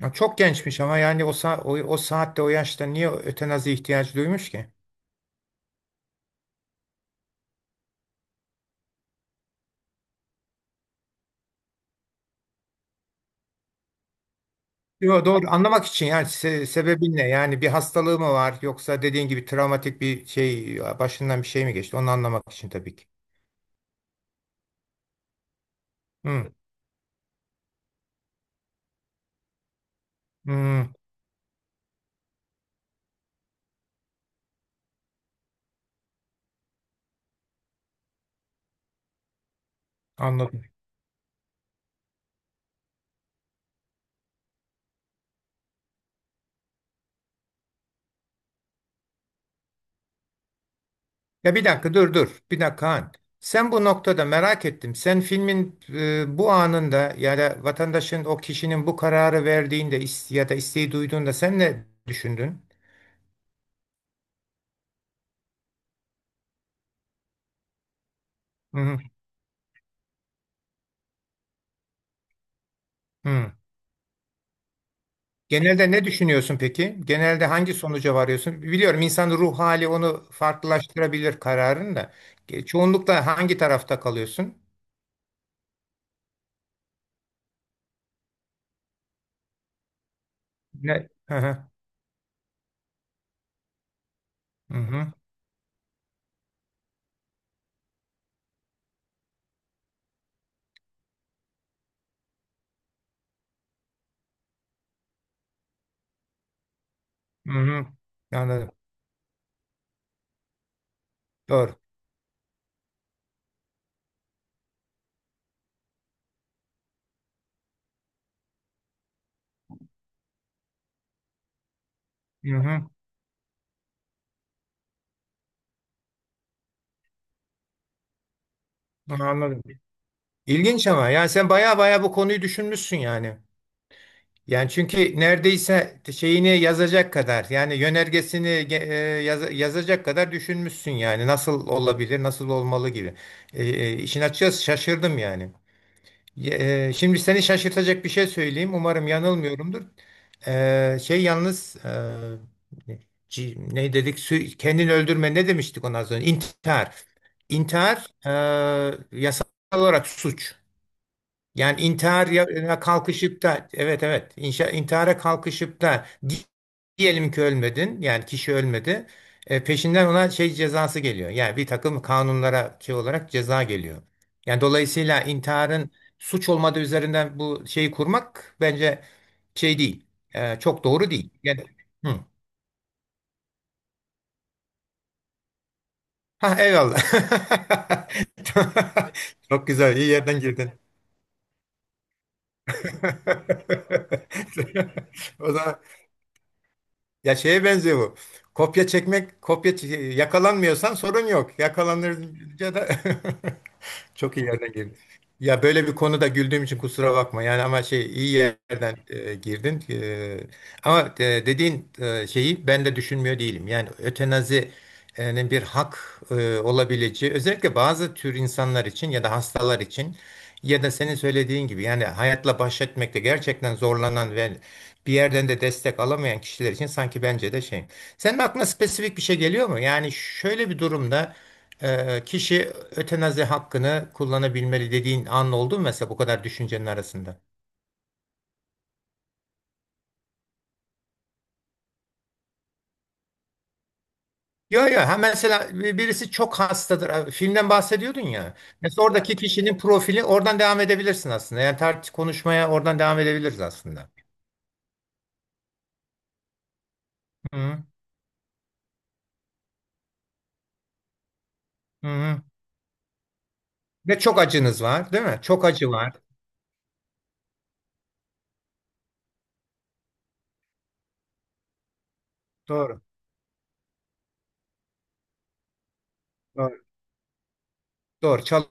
Ya çok gençmiş ama yani o saatte o yaşta niye ötenazi ihtiyacı duymuş ki? Yo, doğru anlamak için yani sebebi ne? Yani bir hastalığı mı var yoksa dediğin gibi travmatik bir şey başından bir şey mi geçti? Onu anlamak için tabii ki. Hı, hı, anladım. Ya bir dakika dur. Bir dakika Han. Sen bu noktada merak ettim. Sen filmin bu anında ya da vatandaşın o kişinin bu kararı verdiğinde ya da isteği duyduğunda sen ne düşündün? Hı, hı. Hı. Genelde ne düşünüyorsun peki? Genelde hangi sonuca varıyorsun? Biliyorum insanın ruh hali onu farklılaştırabilir kararını da. Çoğunlukla hangi tarafta kalıyorsun? Ne? Hı hı. Hı hı. Hı hı. Anladım. Doğru. Hı hı. Anladım. İlginç ama yani sen baya baya bu konuyu düşünmüşsün yani. Yani çünkü neredeyse şeyini yazacak kadar yani yönergesini yazacak kadar düşünmüşsün yani nasıl olabilir, nasıl olmalı gibi. İşin açıkçası şaşırdım yani. Şimdi seni şaşırtacak bir şey söyleyeyim. Umarım yanılmıyorumdur. Şey yalnız ne dedik? Kendini öldürme ne demiştik ona az önce? İntihar. İntihar yasal olarak suç. Yani kalkışıp da intihara kalkışıp da diyelim ki ölmedin, yani kişi ölmedi. E, peşinden ona şey cezası geliyor, yani bir takım kanunlara şey olarak ceza geliyor. Yani dolayısıyla intiharın suç olmadığı üzerinden bu şeyi kurmak bence şey değil, çok doğru değil. Yani, hı. Ha eyvallah. Çok güzel, iyi yerden girdin. O zaman ya şeye benziyor bu. Kopya çekmek, yakalanmıyorsan sorun yok. Yakalanınca da çok iyi yerden girdin. Ya böyle bir konuda güldüğüm için kusura bakma. Yani ama şey iyi yerden girdin. Ama dediğin şeyi ben de düşünmüyor değilim. Yani ötenazinin bir hak olabileceği, özellikle bazı tür insanlar için ya da hastalar için ya da senin söylediğin gibi yani hayatla baş etmekte gerçekten zorlanan ve bir yerden de destek alamayan kişiler için sanki bence de şey. Senin aklına spesifik bir şey geliyor mu? Yani şöyle bir durumda kişi ötenazi hakkını kullanabilmeli dediğin an oldu mu mesela bu kadar düşüncenin arasında? Yo yo, ha mesela birisi çok hastadır. Ha, filmden bahsediyordun ya. Mesela oradaki kişinin profili, oradan devam edebilirsin aslında. Yani tartış, konuşmaya oradan devam edebiliriz aslında. Hı hı. Ve çok acınız var, değil mi? Çok acı var. Doğru. Doğru. Doğru,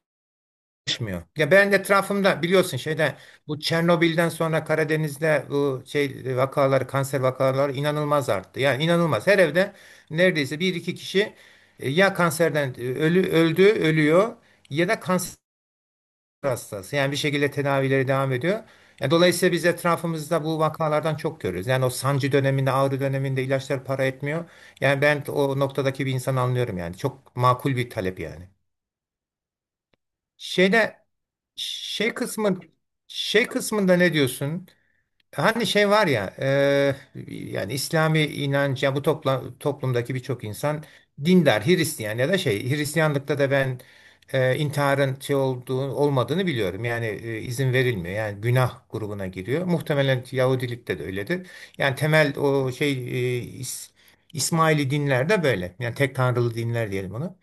çalışmıyor. Ya ben de etrafımda biliyorsun şeyde, bu Çernobil'den sonra Karadeniz'de bu şey vakaları, kanser vakaları inanılmaz arttı. Yani inanılmaz. Her evde neredeyse bir iki kişi ya kanserden e, ölü öldü, ölüyor ya da kanser hastası. Yani bir şekilde tedavileri devam ediyor. Yani dolayısıyla biz etrafımızda bu vakalardan çok görüyoruz. Yani o sancı döneminde, ağrı döneminde ilaçlar para etmiyor. Yani ben o noktadaki bir insan anlıyorum yani. Çok makul bir talep yani. Şeyde, şey kısmı şey kısmında ne diyorsun? Hani şey var ya, yani İslami inanç, ya bu toplumdaki birçok insan dindar. Hristiyan ya da şey, Hristiyanlıkta da ben intiharın şey olduğu olmadığını biliyorum. Yani izin verilmiyor. Yani günah grubuna giriyor. Muhtemelen Yahudilikte de öyledir. Yani temel o şey, e, İs- İsmaili dinler de böyle. Yani tek tanrılı dinler diyelim onu.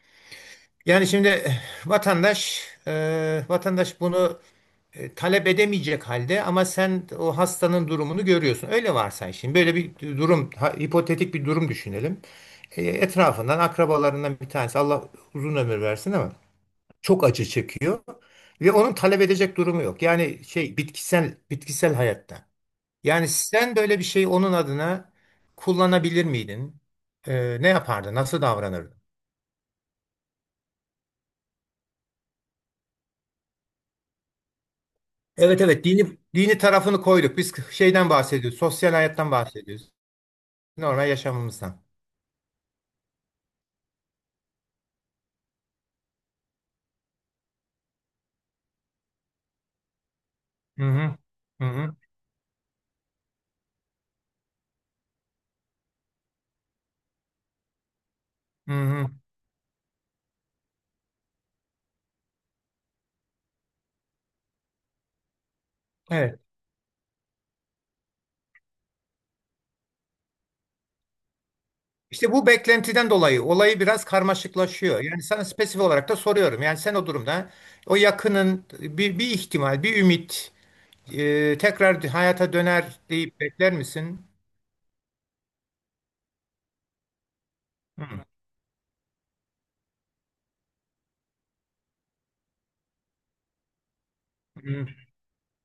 Yani şimdi vatandaş, vatandaş bunu talep edemeyecek halde ama sen o hastanın durumunu görüyorsun. Öyle varsay, şimdi böyle bir durum, hipotetik bir durum düşünelim. E, etrafından, akrabalarından bir tanesi, Allah uzun ömür versin ama çok acı çekiyor ve onun talep edecek durumu yok. Yani şey, bitkisel hayatta. Yani sen böyle bir şeyi onun adına kullanabilir miydin? E, ne yapardın? Nasıl davranırdın? Evet evet, dini tarafını koyduk. Biz şeyden bahsediyoruz, sosyal hayattan bahsediyoruz. Normal yaşamımızdan. Hı hı, hı hı, hı hı. Evet. İşte bu beklentiden dolayı olayı biraz karmaşıklaşıyor. Yani sana spesifik olarak da soruyorum. Yani sen o durumda o yakının bir ihtimal, bir ümit tekrar hayata döner deyip bekler misin? Hı hı.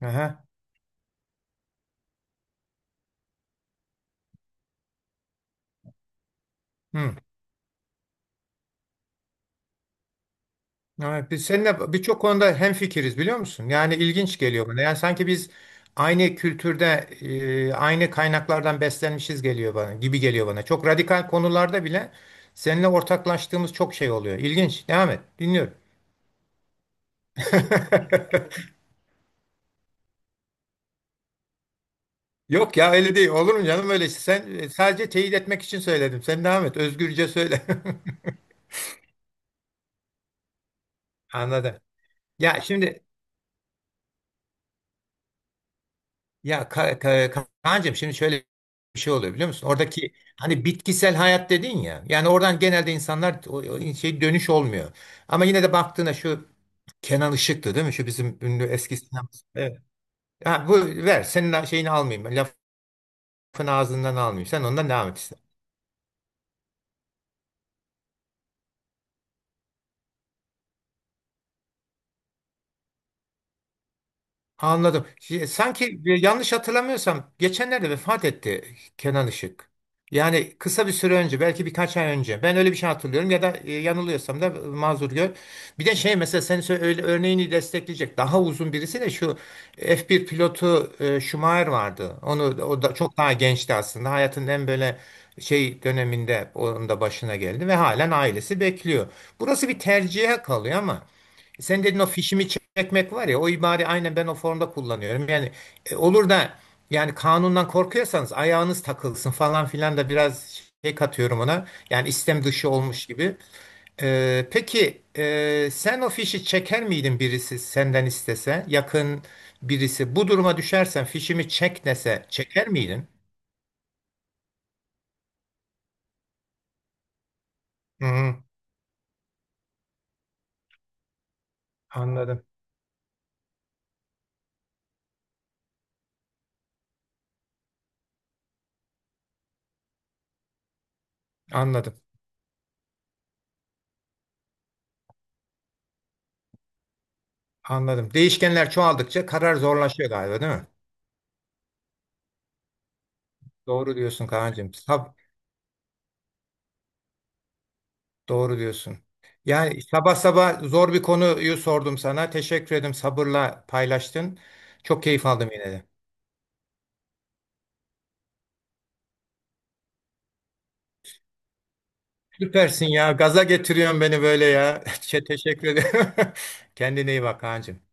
Aha. Hı. Evet, biz seninle birçok konuda hemfikiriz, biliyor musun? Yani ilginç geliyor bana. Yani sanki biz aynı kültürde, aynı kaynaklardan beslenmişiz geliyor bana, gibi geliyor bana. Çok radikal konularda bile seninle ortaklaştığımız çok şey oluyor. İlginç. Devam et. Dinliyorum. Yok ya, öyle değil. Olur mu canım öyle şey? Sen, sadece teyit etmek için söyledim. Sen devam et. Özgürce söyle. Anladım. Ya şimdi, ya Kaan'cığım, şimdi şöyle bir şey oluyor biliyor musun? Oradaki hani bitkisel hayat dedin ya. Yani oradan genelde insanlar, o şey, dönüş olmuyor. Ama yine de baktığına şu Kenan Işık'tı değil mi? Şu bizim ünlü eski sinemacı. Evet. Ha, bu ver, senin şeyini almayayım, lafın ağzından almayayım. Sen ondan devam et. Anladım. Sanki yanlış hatırlamıyorsam geçenlerde vefat etti Kenan Işık. Yani kısa bir süre önce, belki birkaç ay önce. Ben öyle bir şey hatırlıyorum, ya da yanılıyorsam da mazur gör. Bir de şey, mesela senin öyle örneğini destekleyecek daha uzun birisi de şu F1 pilotu Schumacher vardı. O da çok daha gençti aslında. Hayatının en böyle şey döneminde onun da başına geldi ve halen ailesi bekliyor. Burası bir tercihe kalıyor ama sen dedin, o fişimi çekmek var ya, o ibare aynen, ben o formda kullanıyorum. Yani olur da, yani kanundan korkuyorsanız ayağınız takılsın falan filan da biraz şey katıyorum ona. Yani istem dışı olmuş gibi. E, peki sen o fişi çeker miydin, birisi senden istese, yakın birisi bu duruma düşersen fişimi çek dese çeker miydin? Hı hı, anladım anladım anladım. Değişkenler çoğaldıkça karar zorlaşıyor galiba, değil mi? Doğru diyorsun Kaan'cığım. Doğru diyorsun. Yani sabah sabah zor bir konuyu sordum sana. Teşekkür ederim, sabırla paylaştın. Çok keyif aldım yine de. Süpersin ya. Gaza getiriyorsun beni böyle ya. Teşekkür ederim. Kendine iyi bak Kaan'cığım.